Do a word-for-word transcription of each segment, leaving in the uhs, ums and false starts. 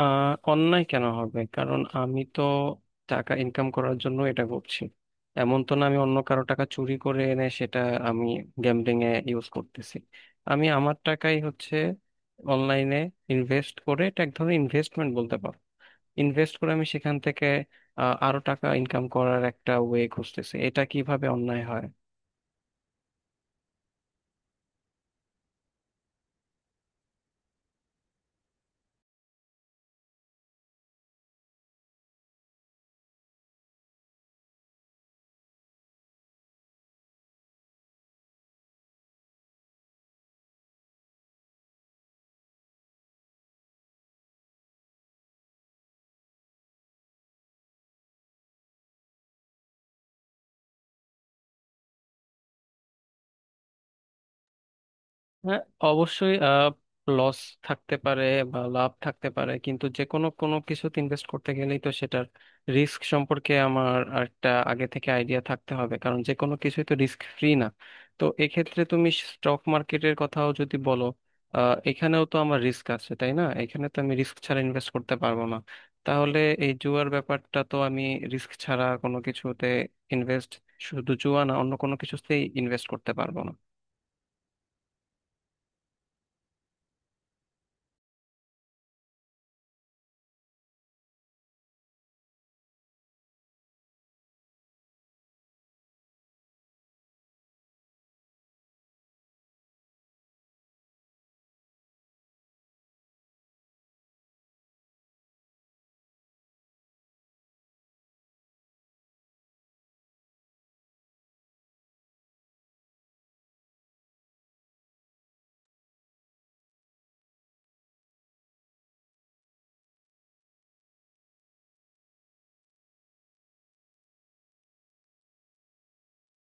আহ অন্যায় কেন হবে? কারণ আমি তো টাকা ইনকাম করার জন্য এটা করছি। এমন তো না আমি অন্য কারো টাকা চুরি করে এনে সেটা আমি গ্যাম্বলিং এ ইউজ করতেছি। আমি আমার টাকাই হচ্ছে অনলাইনে ইনভেস্ট করে, এটা এক ধরনের ইনভেস্টমেন্ট বলতে পারো। ইনভেস্ট করে আমি সেখান থেকে আহ, আরো টাকা ইনকাম করার একটা ওয়ে খুঁজতেছি, এটা কিভাবে অন্যায় হয়? হ্যাঁ, অবশ্যই আহ লস থাকতে পারে বা লাভ থাকতে পারে, কিন্তু যে কোনো কোনো কিছুতে ইনভেস্ট করতে গেলেই তো সেটার রিস্ক সম্পর্কে আমার একটা আগে থেকে আইডিয়া থাকতে হবে, কারণ যে কোনো কিছুই তো রিস্ক ফ্রি না। তো এক্ষেত্রে তুমি স্টক মার্কেটের কথাও যদি বলো, আহ এখানেও তো আমার রিস্ক আছে, তাই না? এখানে তো আমি রিস্ক ছাড়া ইনভেস্ট করতে পারবো না। তাহলে এই জুয়ার ব্যাপারটা তো আমি রিস্ক ছাড়া কোনো কিছুতে ইনভেস্ট, শুধু জুয়া না, অন্য কোনো কিছুতেই ইনভেস্ট করতে পারবো না।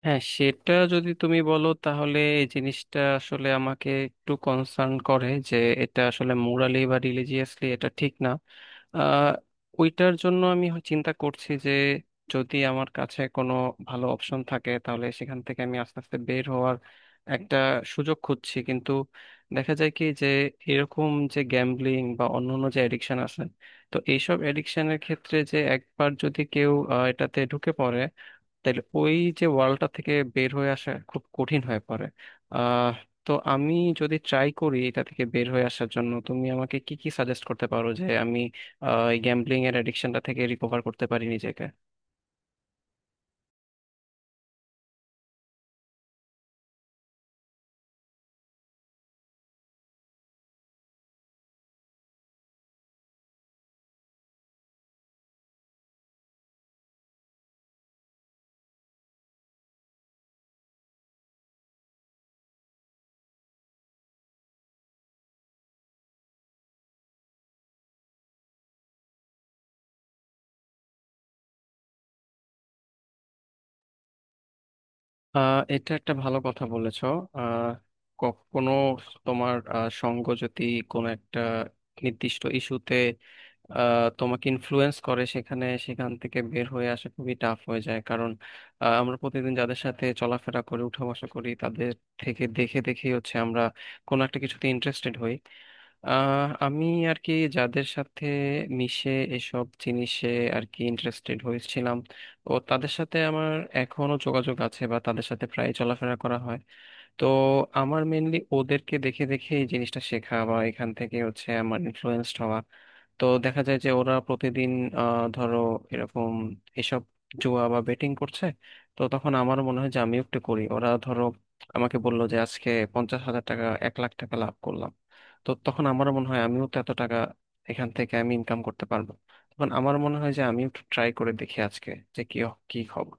হ্যাঁ, সেটা যদি তুমি বলো তাহলে এই জিনিসটা আসলে আমাকে একটু কনসার্ন করে যে এটা আসলে মোরালি বা রিলিজিয়াসলি এটা ঠিক না। আহ, ওইটার জন্য আমি হ- চিন্তা করছি যে যদি আমার কাছে কোনো ভালো অপশন থাকে তাহলে সেখান থেকে আমি আস্তে আস্তে বের হওয়ার একটা সুযোগ খুঁজছি। কিন্তু দেখা যায় কি যে এরকম যে গ্যাম্বলিং বা অন্যান্য যে এডিকশন আছে, তো এইসব এডিকশনের ক্ষেত্রে যে একবার যদি কেউ আহ, এটাতে ঢুকে পড়ে তাইলে ওই যে ওয়ার্ল্ডটা থেকে বের হয়ে আসা খুব কঠিন হয়ে পড়ে। আহ তো আমি যদি ট্রাই করি এটা থেকে বের হয়ে আসার জন্য, তুমি আমাকে কি কি সাজেস্ট করতে পারো যে আমি আহ, এই গ্যাম্বলিং এর অ্যাডিকশনটা থেকে রিকভার করতে পারি নিজেকে? আহ এটা একটা ভালো কথা বলেছো। আহ কখনো তোমার আহ, সঙ্গ যদি কোনো একটা নির্দিষ্ট ইস্যুতে আহ, তোমাকে ইনফ্লুয়েন্স করে সেখানে সেখান থেকে বের হয়ে আসা খুবই টাফ হয়ে যায়। কারণ আহ, আমরা প্রতিদিন যাদের সাথে চলাফেরা করি, উঠা বসা করি, তাদের থেকে দেখে দেখেই হচ্ছে আমরা কোনো একটা কিছুতে ইন্টারেস্টেড হই। আহ, আমি আর কি যাদের সাথে মিশে এসব জিনিসে আর কি ইন্টারেস্টেড হয়েছিলাম, ও তাদের সাথে আমার এখনো যোগাযোগ আছে বা তাদের সাথে প্রায় চলাফেরা করা হয়। তো আমার মেনলি ওদেরকে দেখে দেখে এই জিনিসটা শেখা বা এখান থেকে হচ্ছে আমার ইনফ্লুয়েন্সড হওয়া। তো দেখা যায় যে ওরা প্রতিদিন আহ, ধরো এরকম এসব জুয়া বা বেটিং করছে, তো তখন আমার মনে হয় যে আমিও একটু করি। ওরা ধরো আমাকে বললো যে আজকে পঞ্চাশ হাজার টাকা, এক লাখ টাকা লাভ করলাম, তো তখন আমার মনে হয় আমিও তো এত টাকা এখান থেকে আমি ইনকাম করতে পারবো। তখন আমার মনে হয় যে আমিও একটু ট্রাই করে দেখি আজকে যে কি কি খবর।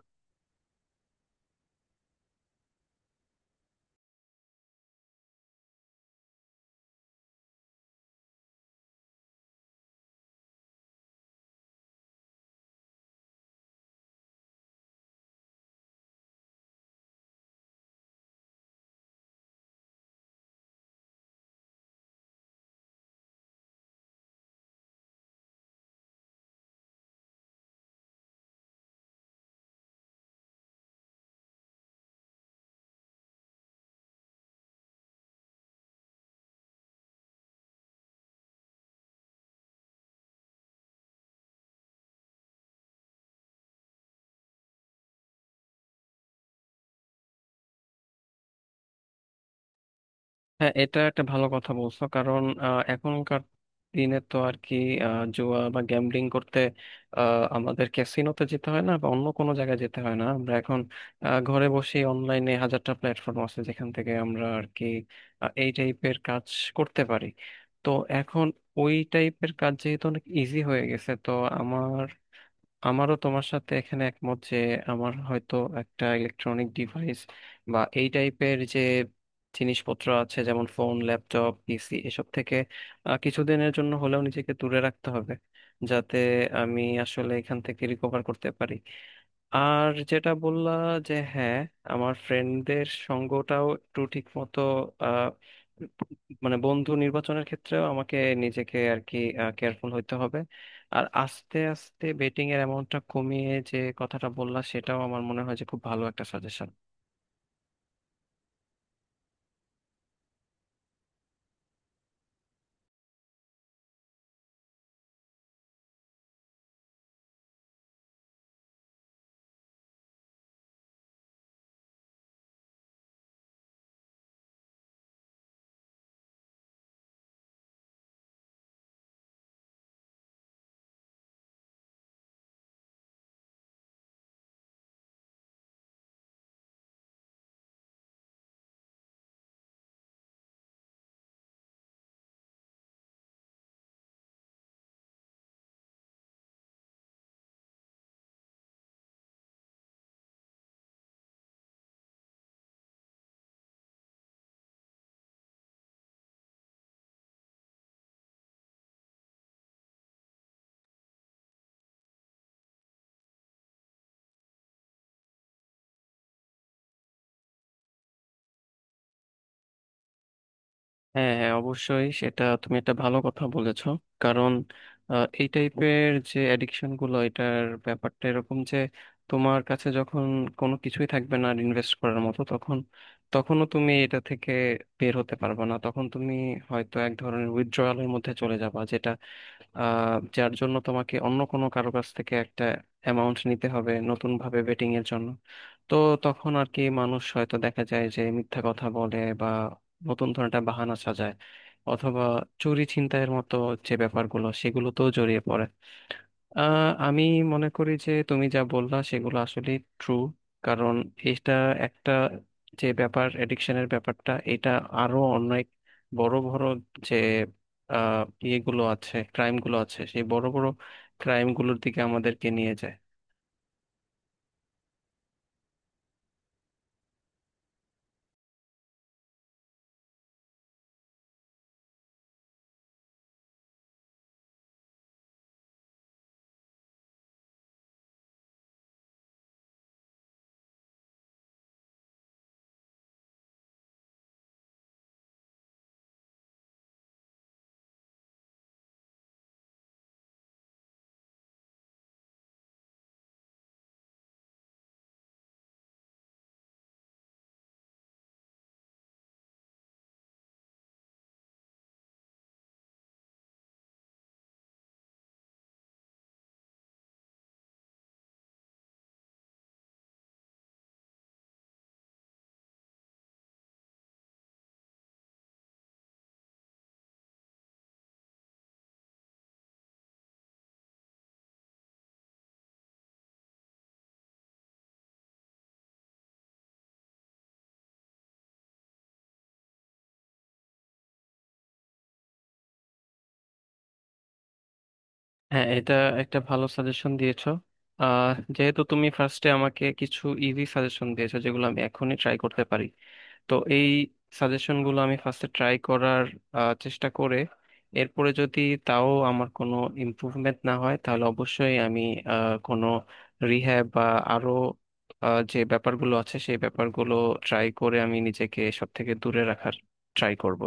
হ্যাঁ, এটা একটা ভালো কথা বলছো। কারণ আহ, এখনকার দিনে তো আর কি আহ, জুয়া বা গ্যাম্বলিং করতে আহ, আমাদের ক্যাসিনোতে যেতে হয় না বা অন্য কোনো জায়গায় যেতে হয় না, আমরা এখন আহ, ঘরে বসে অনলাইনে হাজারটা প্ল্যাটফর্ম আছে যেখান থেকে আমরা আর কি আহ, এই টাইপের কাজ করতে পারি। তো এখন ওই টাইপের কাজ যেহেতু অনেক ইজি হয়ে গেছে, তো আমার, আমারও তোমার সাথে এখানে একমত যে আমার হয়তো একটা ইলেকট্রনিক ডিভাইস বা এই টাইপের যে জিনিসপত্র আছে যেমন ফোন, ল্যাপটপ, পিসি, এসব থেকে আহ, কিছুদিনের জন্য হলেও নিজেকে দূরে রাখতে হবে, যাতে আমি আসলে এখান থেকে রিকভার করতে পারি। আর যেটা বললা যে হ্যাঁ, আমার ফ্রেন্ডদের সঙ্গটাও একটু ঠিক মতো, আহ, মানে বন্ধু নির্বাচনের ক্ষেত্রেও আমাকে নিজেকে আর কি কেয়ারফুল হইতে হবে। আর আস্তে আস্তে বেটিং এর অ্যামাউন্টটা কমিয়ে যে কথাটা বললা সেটাও আমার মনে হয় যে খুব ভালো একটা সাজেশন। হ্যাঁ, হ্যাঁ, অবশ্যই সেটা তুমি একটা ভালো কথা বলেছো। কারণ আহ, এই টাইপের যে অ্যাডিকশন গুলো এটার ব্যাপারটা এরকম যে তোমার কাছে যখন কোনো কিছুই থাকবে না ইনভেস্ট করার মতো, তখন তখনও তুমি এটা থেকে বের হতে পারবে না। তখন তুমি হয়তো এক ধরনের উইথড্রয়ালের মধ্যে চলে যাবা, যেটা আহ যার জন্য তোমাকে অন্য কোনো কারো কাছ থেকে একটা অ্যামাউন্ট নিতে হবে নতুন ভাবে বেটিং এর জন্য। তো তখন আর কি মানুষ হয়তো দেখা যায় যে মিথ্যা কথা বলে বা নতুন ধরনের একটা বাহানা সাজায়, অথবা চুরি ছিনতাইয়ের মতো যে ব্যাপারগুলো সেগুলোতেও জড়িয়ে পড়ে। আহ, আমি মনে করি যে তুমি যা বললা সেগুলো আসলে ট্রু, কারণ এটা একটা যে ব্যাপার, এডিকশনের ব্যাপারটা এটা আরো অনেক বড় বড় যে আহ, ইয়েগুলো আছে, ক্রাইমগুলো আছে, সেই বড় বড় ক্রাইমগুলোর দিকে আমাদেরকে নিয়ে যায়। হ্যাঁ, এটা একটা ভালো সাজেশন দিয়েছো। আহ যেহেতু তুমি ফার্স্টে আমাকে কিছু ইজি সাজেশন দিয়েছো যেগুলো আমি এখনই ট্রাই করতে পারি, তো এই সাজেশনগুলো আমি ফার্স্টে ট্রাই করার আহ, চেষ্টা করে এরপরে যদি তাও আমার কোনো ইমপ্রুভমেন্ট না হয় তাহলে অবশ্যই আমি আহ, কোনো রিহ্যাব বা আরো আহ, যে ব্যাপারগুলো আছে সেই ব্যাপারগুলো ট্রাই করে আমি নিজেকে সব থেকে দূরে রাখার ট্রাই করব।